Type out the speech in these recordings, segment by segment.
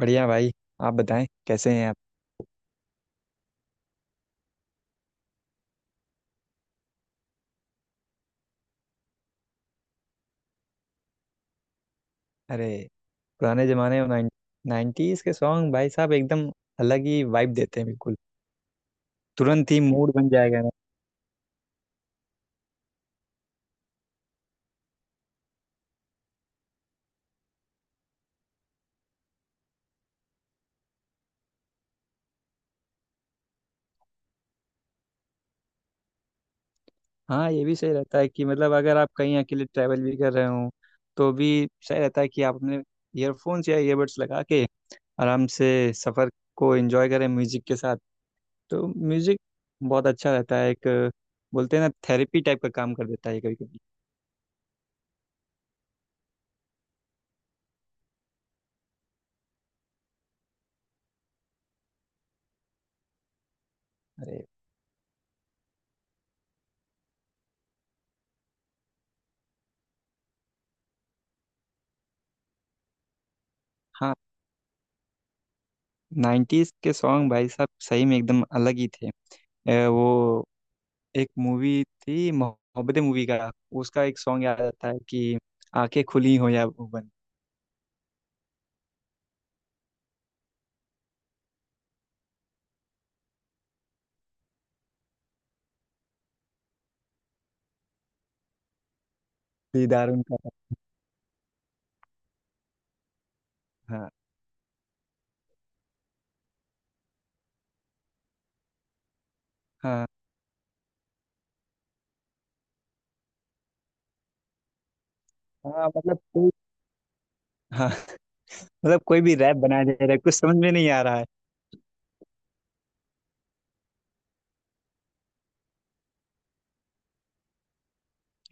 बढ़िया भाई। आप बताएं कैसे हैं आप। अरे, पुराने जमाने में नाइन्टीज के सॉन्ग भाई साहब एकदम अलग ही वाइब देते हैं बिल्कुल। तुरंत ही मूड बन जाएगा ना। हाँ, ये भी सही रहता है कि मतलब अगर आप कहीं अकेले ट्रैवल भी कर रहे हो, तो भी सही रहता है कि आप अपने ईयरफोन्स या ईयरबड्स लगा के आराम से सफ़र को एंजॉय करें म्यूजिक के साथ। तो म्यूजिक बहुत अच्छा रहता है, एक बोलते हैं ना, थेरेपी टाइप का काम कर देता है कभी कभी। अरे हाँ, नाइन्टीज के सॉन्ग भाई साहब सही में एकदम अलग ही थे। वो एक मूवी थी मोहब्बतें, मूवी का उसका एक सॉन्ग याद आता है कि आंखें खुली हो या वो बंद, दीदार उनका। हाँ हाँ हाँ, मतलब कोई हाँ मतलब कोई भी रैप बनाया जा रहा है, कुछ समझ में नहीं आ रहा है।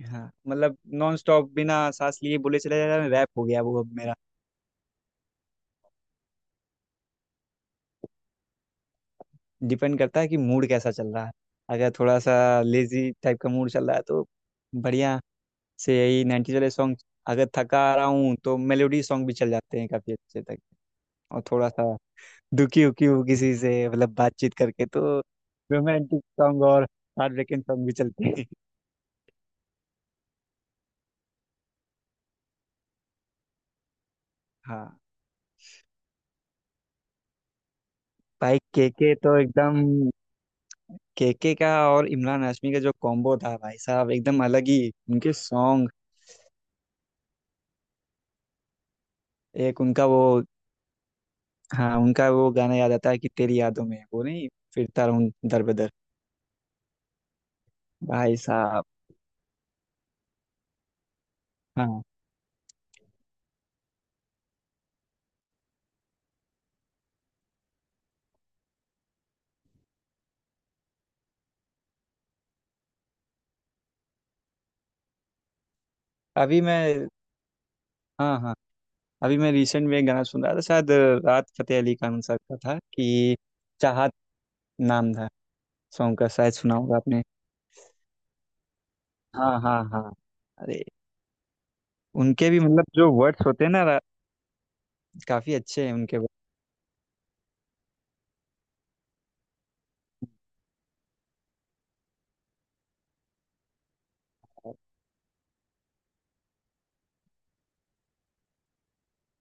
हाँ, मतलब नॉन स्टॉप बिना सांस लिए बोले चला जा रहा है, रैप हो गया वो अब मेरा। डिपेंड करता है कि मूड कैसा चल रहा है। अगर थोड़ा सा लेजी टाइप का मूड चल रहा है तो बढ़िया से यही 90s वाले सॉन्ग। अगर थका आ रहा हूँ तो मेलोडी सॉन्ग भी चल जाते हैं काफी अच्छे तक। और थोड़ा सा दुखी उखी हूँ किसी से, मतलब बातचीत करके, तो रोमांटिक सॉन्ग और हार्ट ब्रेकिंग सॉन्ग भी चलते हैं। हाँ, भाई केके तो एकदम, केके का और इमरान हाशमी का जो कॉम्बो था भाई साहब, एकदम अलग ही उनके सॉन्ग। एक उनका वो हाँ, उनका वो गाना याद आता है कि तेरी यादों में वो नहीं, फिरता रहूं दर बदर। भाई साहब, हाँ। अभी मैं हाँ हाँ, अभी मैं रिसेंट में एक गाना सुन रहा था शायद राहत फतेह अली खान साहब का था कि चाहत नाम था सॉन्ग का, शायद सुना होगा आपने। हाँ हाँ हाँ, अरे, उनके भी मतलब जो वर्ड्स होते हैं ना काफी अच्छे हैं उनके वर्ड।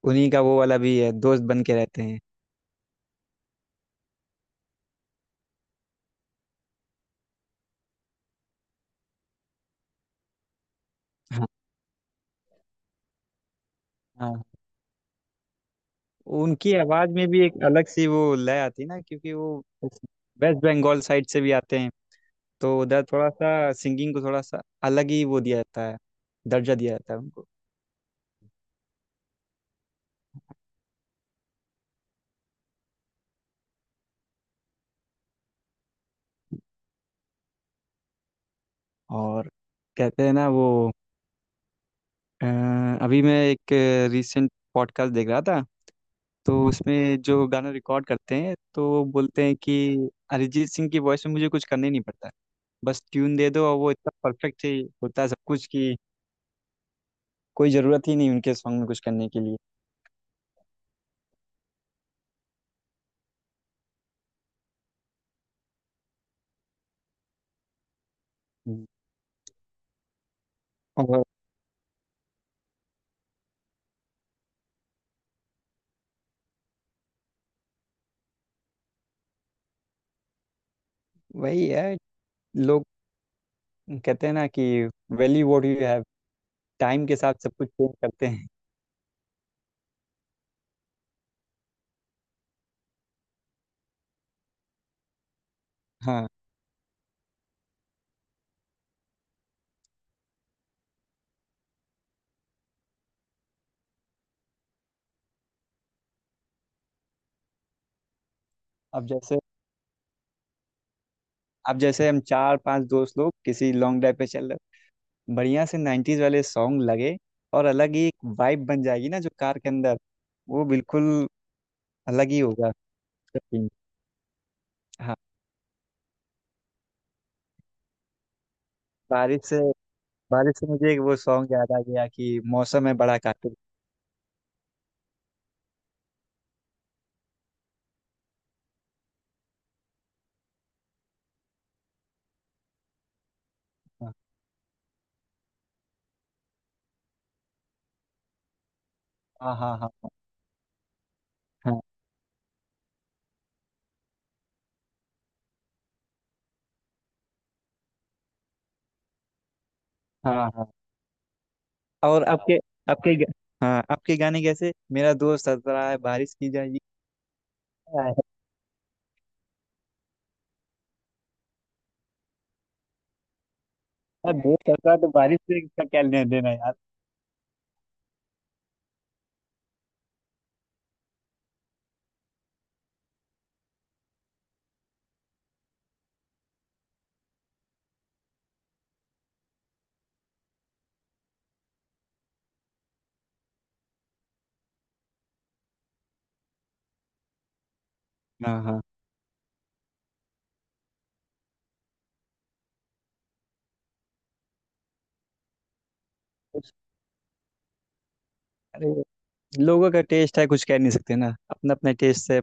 उन्हीं का वो वाला भी है, दोस्त बन के रहते हैं। हाँ। हाँ उनकी आवाज में भी एक अलग सी वो लय आती है ना, क्योंकि वो वेस्ट बंगाल साइड से भी आते हैं। तो उधर थोड़ा सा सिंगिंग को थोड़ा सा अलग ही वो दिया जाता है, दर्जा दिया जाता है उनको। और कहते हैं ना वो, अ, अभी मैं एक रीसेंट पॉडकास्ट देख रहा था, तो उसमें जो गाना रिकॉर्ड करते हैं तो वो बोलते हैं कि अरिजीत सिंह की वॉइस में मुझे कुछ करना ही नहीं पड़ता, बस ट्यून दे दो और वो इतना परफेक्ट ही होता है सब कुछ कि कोई ज़रूरत ही नहीं उनके सॉन्ग में कुछ करने के लिए। हम्म। और वही है, लोग कहते हैं ना कि value what you have, time के साथ सब कुछ चेंज करते हैं। हाँ, अब जैसे अब जैसे हम चार पांच दोस्त लोग किसी लॉन्ग ड्राइव पे चल रहे, बढ़िया से 90s वाले सॉन्ग लगे, और अलग ही एक वाइब बन जाएगी ना जो कार के अंदर, वो बिल्कुल अलग ही होगा उसका scene। हाँ, बारिश से बारिश से मुझे एक वो सॉन्ग याद आ गया कि मौसम है बड़ा कातिल। हाँ हाँ हाँ हाँ हाँ हाँ हाँ। और आपके आपके ग- हाँ, आपके गाने कैसे, मेरा दोस्त हंस रहा है बारिश की जाएगी। यार, दोस्त हंस रहा है तो बारिश से इसका क्या लेना देना है यार। हाँ हाँ, अरे, लोगों का टेस्ट है, कुछ कह नहीं सकते ना, अपना अपना टेस्ट है।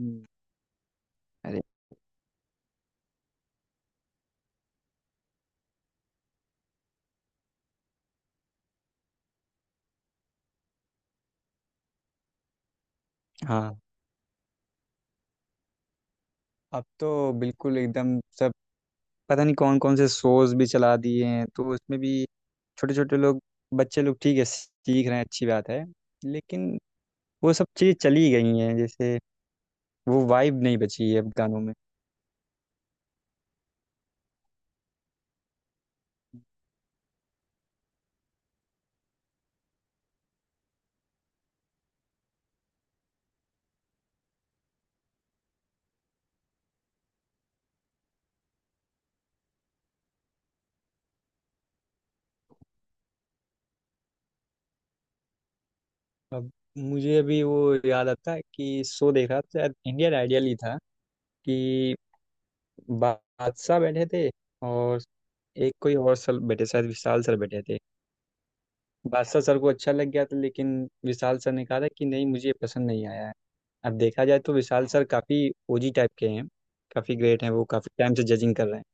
हम्म, अरे हाँ। अब तो बिल्कुल एकदम सब, पता नहीं कौन कौन से शोज भी चला दिए हैं, तो उसमें भी छोटे छोटे लोग, बच्चे लोग ठीक है सीख रहे हैं, अच्छी बात है। लेकिन वो सब चीज़ें चली गई हैं, जैसे वो वाइब नहीं बची है अब गानों में। अब मुझे अभी वो याद आता है कि शो देख रहा था शायद इंडियन आइडियल ही था कि बा- बादशाह बैठे थे और एक कोई और सर बैठे शायद विशाल सर बैठे थे। बादशाह सर को अच्छा लग गया था, लेकिन विशाल सर ने कहा था कि नहीं, मुझे ये पसंद नहीं आया है। अब देखा जाए तो विशाल सर काफ़ी ओजी टाइप के हैं, काफ़ी ग्रेट हैं, वो काफ़ी टाइम से जजिंग कर रहे हैं।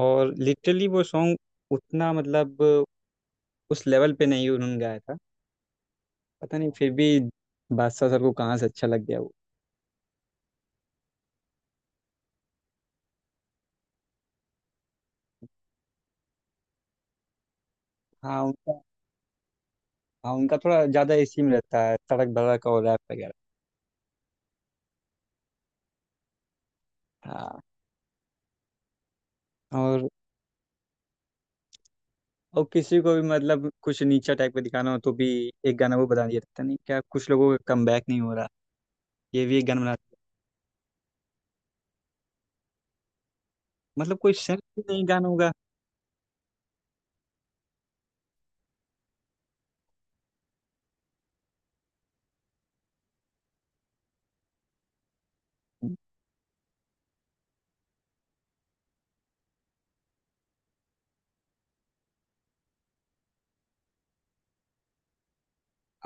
और लिटरली वो सॉन्ग उतना, मतलब उस लेवल पे नहीं उन्होंने गाया था। पता नहीं फिर भी बादशाह सर को कहाँ से अच्छा लग गया वो। हाँ उनका हाँ, उनका थोड़ा ज़्यादा इसी में रहता है, सड़क भड़क और रैप वगैरह। हाँ, और और किसी को भी मतलब कुछ नीचा टाइप का दिखाना हो तो भी एक गाना वो बता दिया था, पता नहीं क्या, कुछ लोगों का कम बैक नहीं हो रहा, ये भी एक गाना बना। मतलब कोई सेंस ही नहीं गानों का।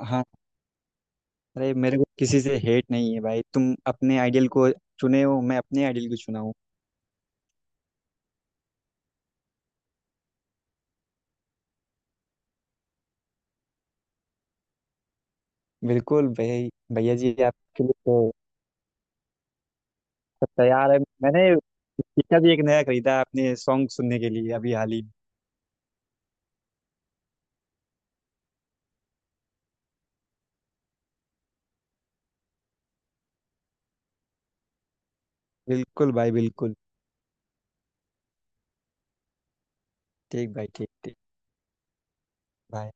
हाँ, अरे मेरे को किसी से हेट नहीं है भाई, तुम अपने आइडियल को चुने हो, मैं अपने आइडियल को चुना हूँ। बिल्कुल भाई। भैया जी आपके लिए तो सब तैयार है, मैंने स्पीकर भी एक नया खरीदा है अपने सॉन्ग सुनने के लिए अभी हाल ही में। बिल्कुल भाई, बिल्कुल। ठीक भाई, ठीक ठीक भाई।